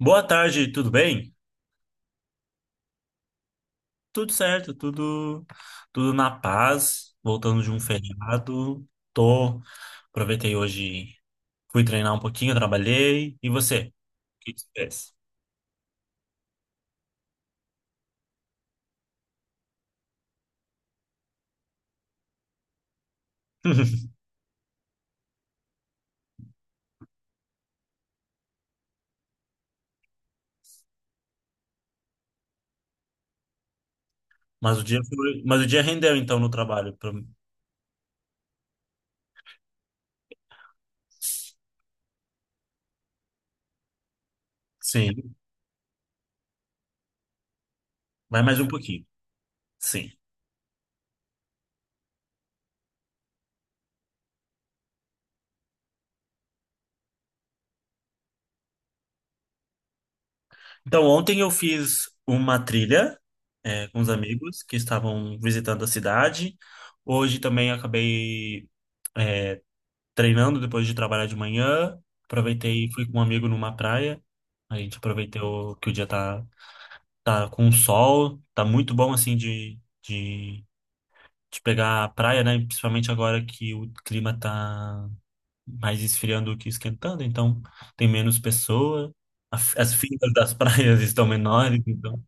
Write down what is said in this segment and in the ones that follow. Boa tarde, tudo bem? Tudo certo, tudo na paz. Voltando de um feriado, tô aproveitei hoje, fui treinar um pouquinho, trabalhei. E você? O que que você fez? Mas o dia rendeu então no trabalho. Sim, vai mais um pouquinho. Sim. Então ontem eu fiz uma trilha com os amigos que estavam visitando a cidade. Hoje também acabei treinando depois de trabalhar de manhã. Aproveitei e fui com um amigo numa praia. A gente aproveitou que o dia tá, tá com sol. Tá muito bom, assim, de pegar a praia, né? Principalmente agora que o clima tá mais esfriando do que esquentando. Então, tem menos pessoa. As filas das praias estão menores, então...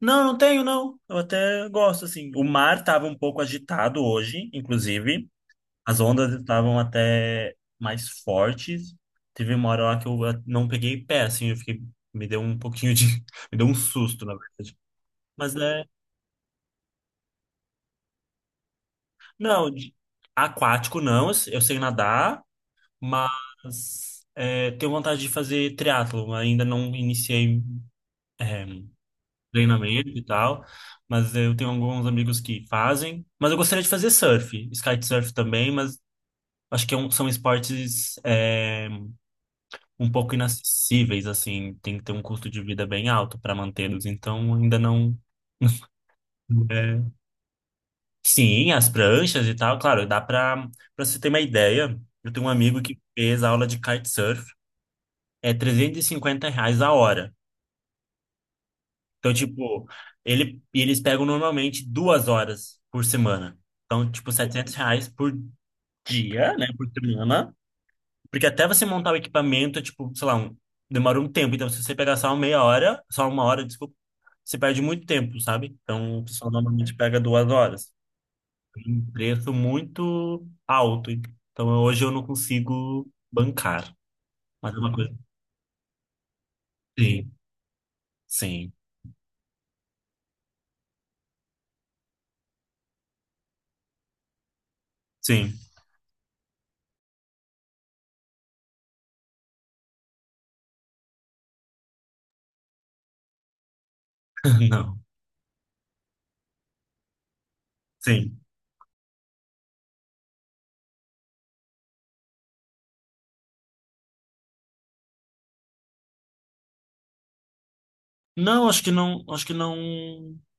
Não, não tenho, não. Eu até gosto, assim. O mar tava um pouco agitado hoje, inclusive. As ondas estavam até mais fortes. Teve uma hora lá que eu não peguei pé, assim, eu fiquei, me deu um pouquinho de, me deu um susto, na verdade. Mas é, não, aquático não, eu sei nadar, mas é, tenho vontade de fazer triatlo. Ainda não iniciei treinamento e tal, mas eu tenho alguns amigos que fazem. Mas eu gostaria de fazer surf, kitesurf também, mas acho que são esportes um pouco inacessíveis, assim, tem que ter um custo de vida bem alto para mantê-los. Então, ainda não. é, Sim, as pranchas e tal, claro, dá para você ter uma ideia. Eu tenho um amigo que fez aula de kitesurf, é R$ 350 a hora. Então, tipo, ele, e eles pegam normalmente 2 horas por semana. Então, tipo, R$ 700 por dia, né, por semana. Porque até você montar o equipamento, é tipo, sei lá, um, demora um tempo. Então, se você pegar só uma meia hora, só 1 hora, desculpa, você perde muito tempo, sabe? Então, o pessoal normalmente pega 2 horas. Um preço muito alto. Então, hoje eu não consigo bancar. Mas é uma coisa. Sim, sim, sim. Não, sim. Não, acho que não, acho que não,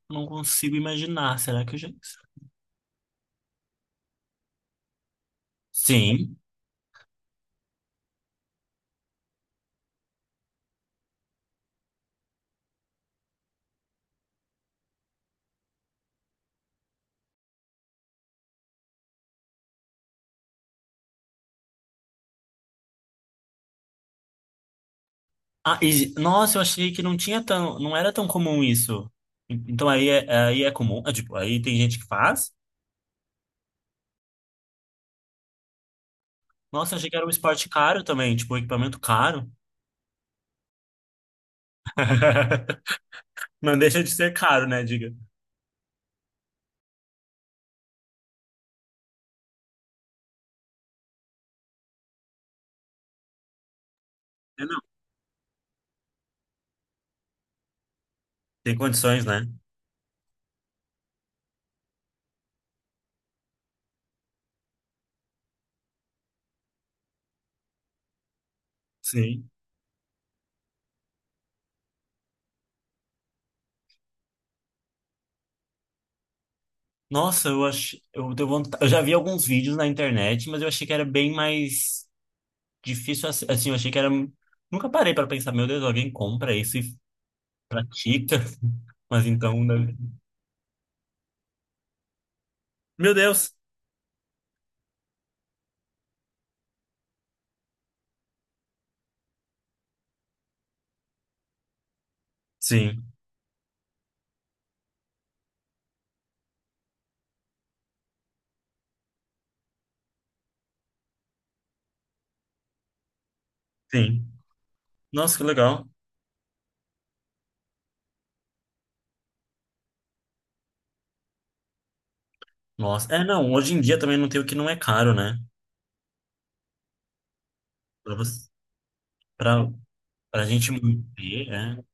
não consigo imaginar. Será que eu já. Sim. Ah, e- nossa, eu achei que não tinha tão, não era tão comum isso. Então aí é comum, é, tipo, aí tem gente que faz. Nossa, eu achei que era um esporte caro também, tipo, um equipamento caro. Não deixa de ser caro, né, diga? É, não, tem condições, né? Sim. Nossa, eu acho, eu deu vontade, eu já vi alguns vídeos na internet, mas eu achei que era bem mais difícil assim, assim, eu achei que era Nunca parei para pensar, meu Deus, alguém compra isso e pratica, mas então, né? Meu Deus. Sim, sim. Nossa, que legal. Nossa, é, não, hoje em dia também não tem o que não é caro, né? Pra você, pra, pra gente manter, é.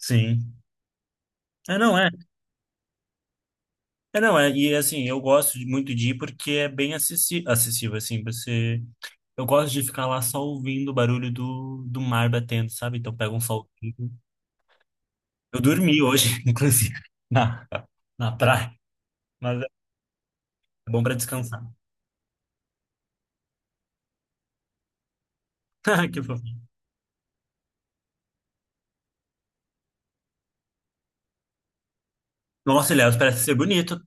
Sim. É, não, é. É, não, é. E assim, eu gosto de- muito de ir porque é bem acessi- acessível, assim, você... Eu gosto de ficar lá só ouvindo o barulho do, do mar batendo, sabe? Então pega um sol. Eu dormi hoje, inclusive, na, na praia, mas é bom pra descansar. Que fofo. Nossa, aliás, parece ser bonito.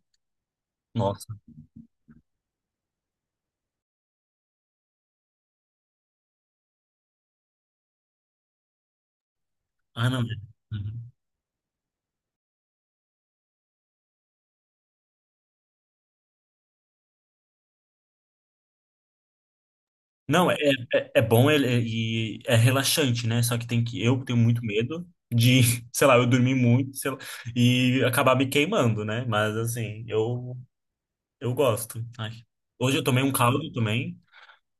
Nossa. Ah, não. é. Uhum. Não, é, é bom e é relaxante, né? Só que tem que eu tenho muito medo de, sei lá, eu dormir muito, sei lá, e acabar me queimando, né? Mas assim, eu gosto. Ai. Hoje eu tomei um caldo também,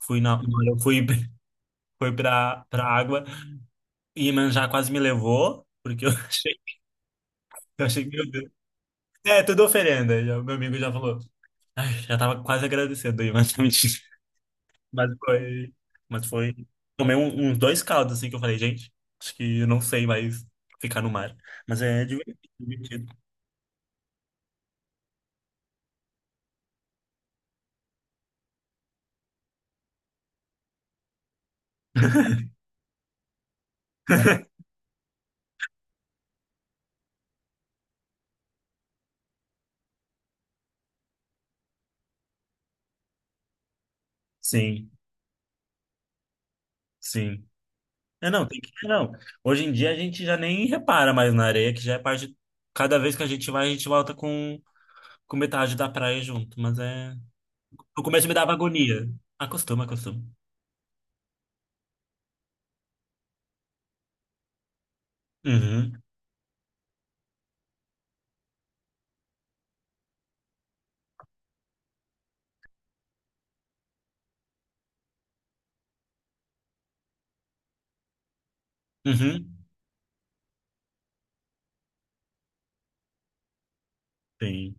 fui na eu fui fui para água e Iemanjá quase me levou, porque eu achei eu achei que meu Deus. É, tudo oferenda. Já, meu amigo já falou. Ai, já tava quase agradecendo, aí, Iemanjá. Mas foi. Mas foi. Tomei uns dois caldos, assim, que eu falei, gente, acho que eu não sei mais ficar no mar. Mas é divertido. Divertido. Sim, sim. É, não, tem que. Não. Hoje em dia a gente já nem repara mais na areia, que já é parte. Cada vez que a gente vai, a gente volta com metade da praia junto. Mas é. No começo me dava agonia. Acostuma, acostuma. Uhum, uhum. Sim.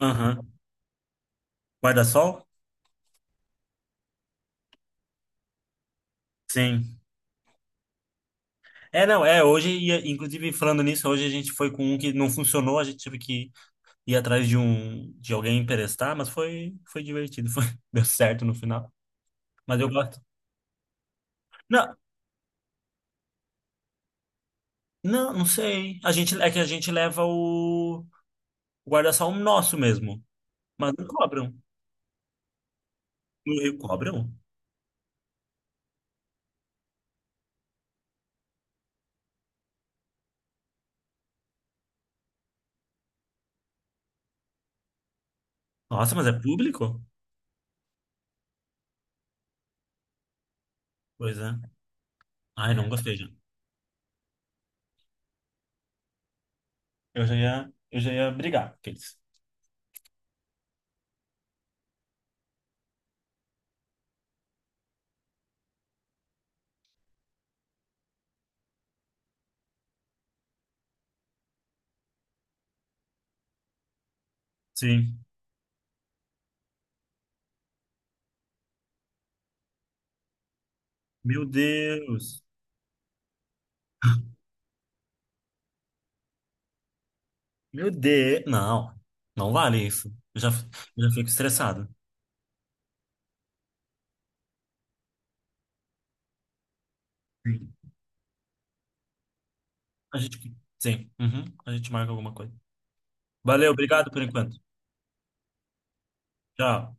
Aham. Guarda-sol? Sim. É, não, é, hoje, inclusive falando nisso, hoje a gente foi com um que não funcionou, a gente teve que ir atrás de um, de alguém emprestar, mas foi, foi divertido, foi, deu certo no final, mas eu gosto. Não, não, não sei, a gente, é que a gente leva o guarda-sol nosso mesmo, mas não cobram, no Rio cobram? Nossa, mas é público? Pois é, ai, não gostei já, eu já ia brigar com eles. Sim, meu Deus. Meu Deus. Não, não vale isso. Eu já, eu já fico estressado. Sim. A gente, sim, uhum, a gente marca alguma coisa. Valeu, obrigado por enquanto. Tchau.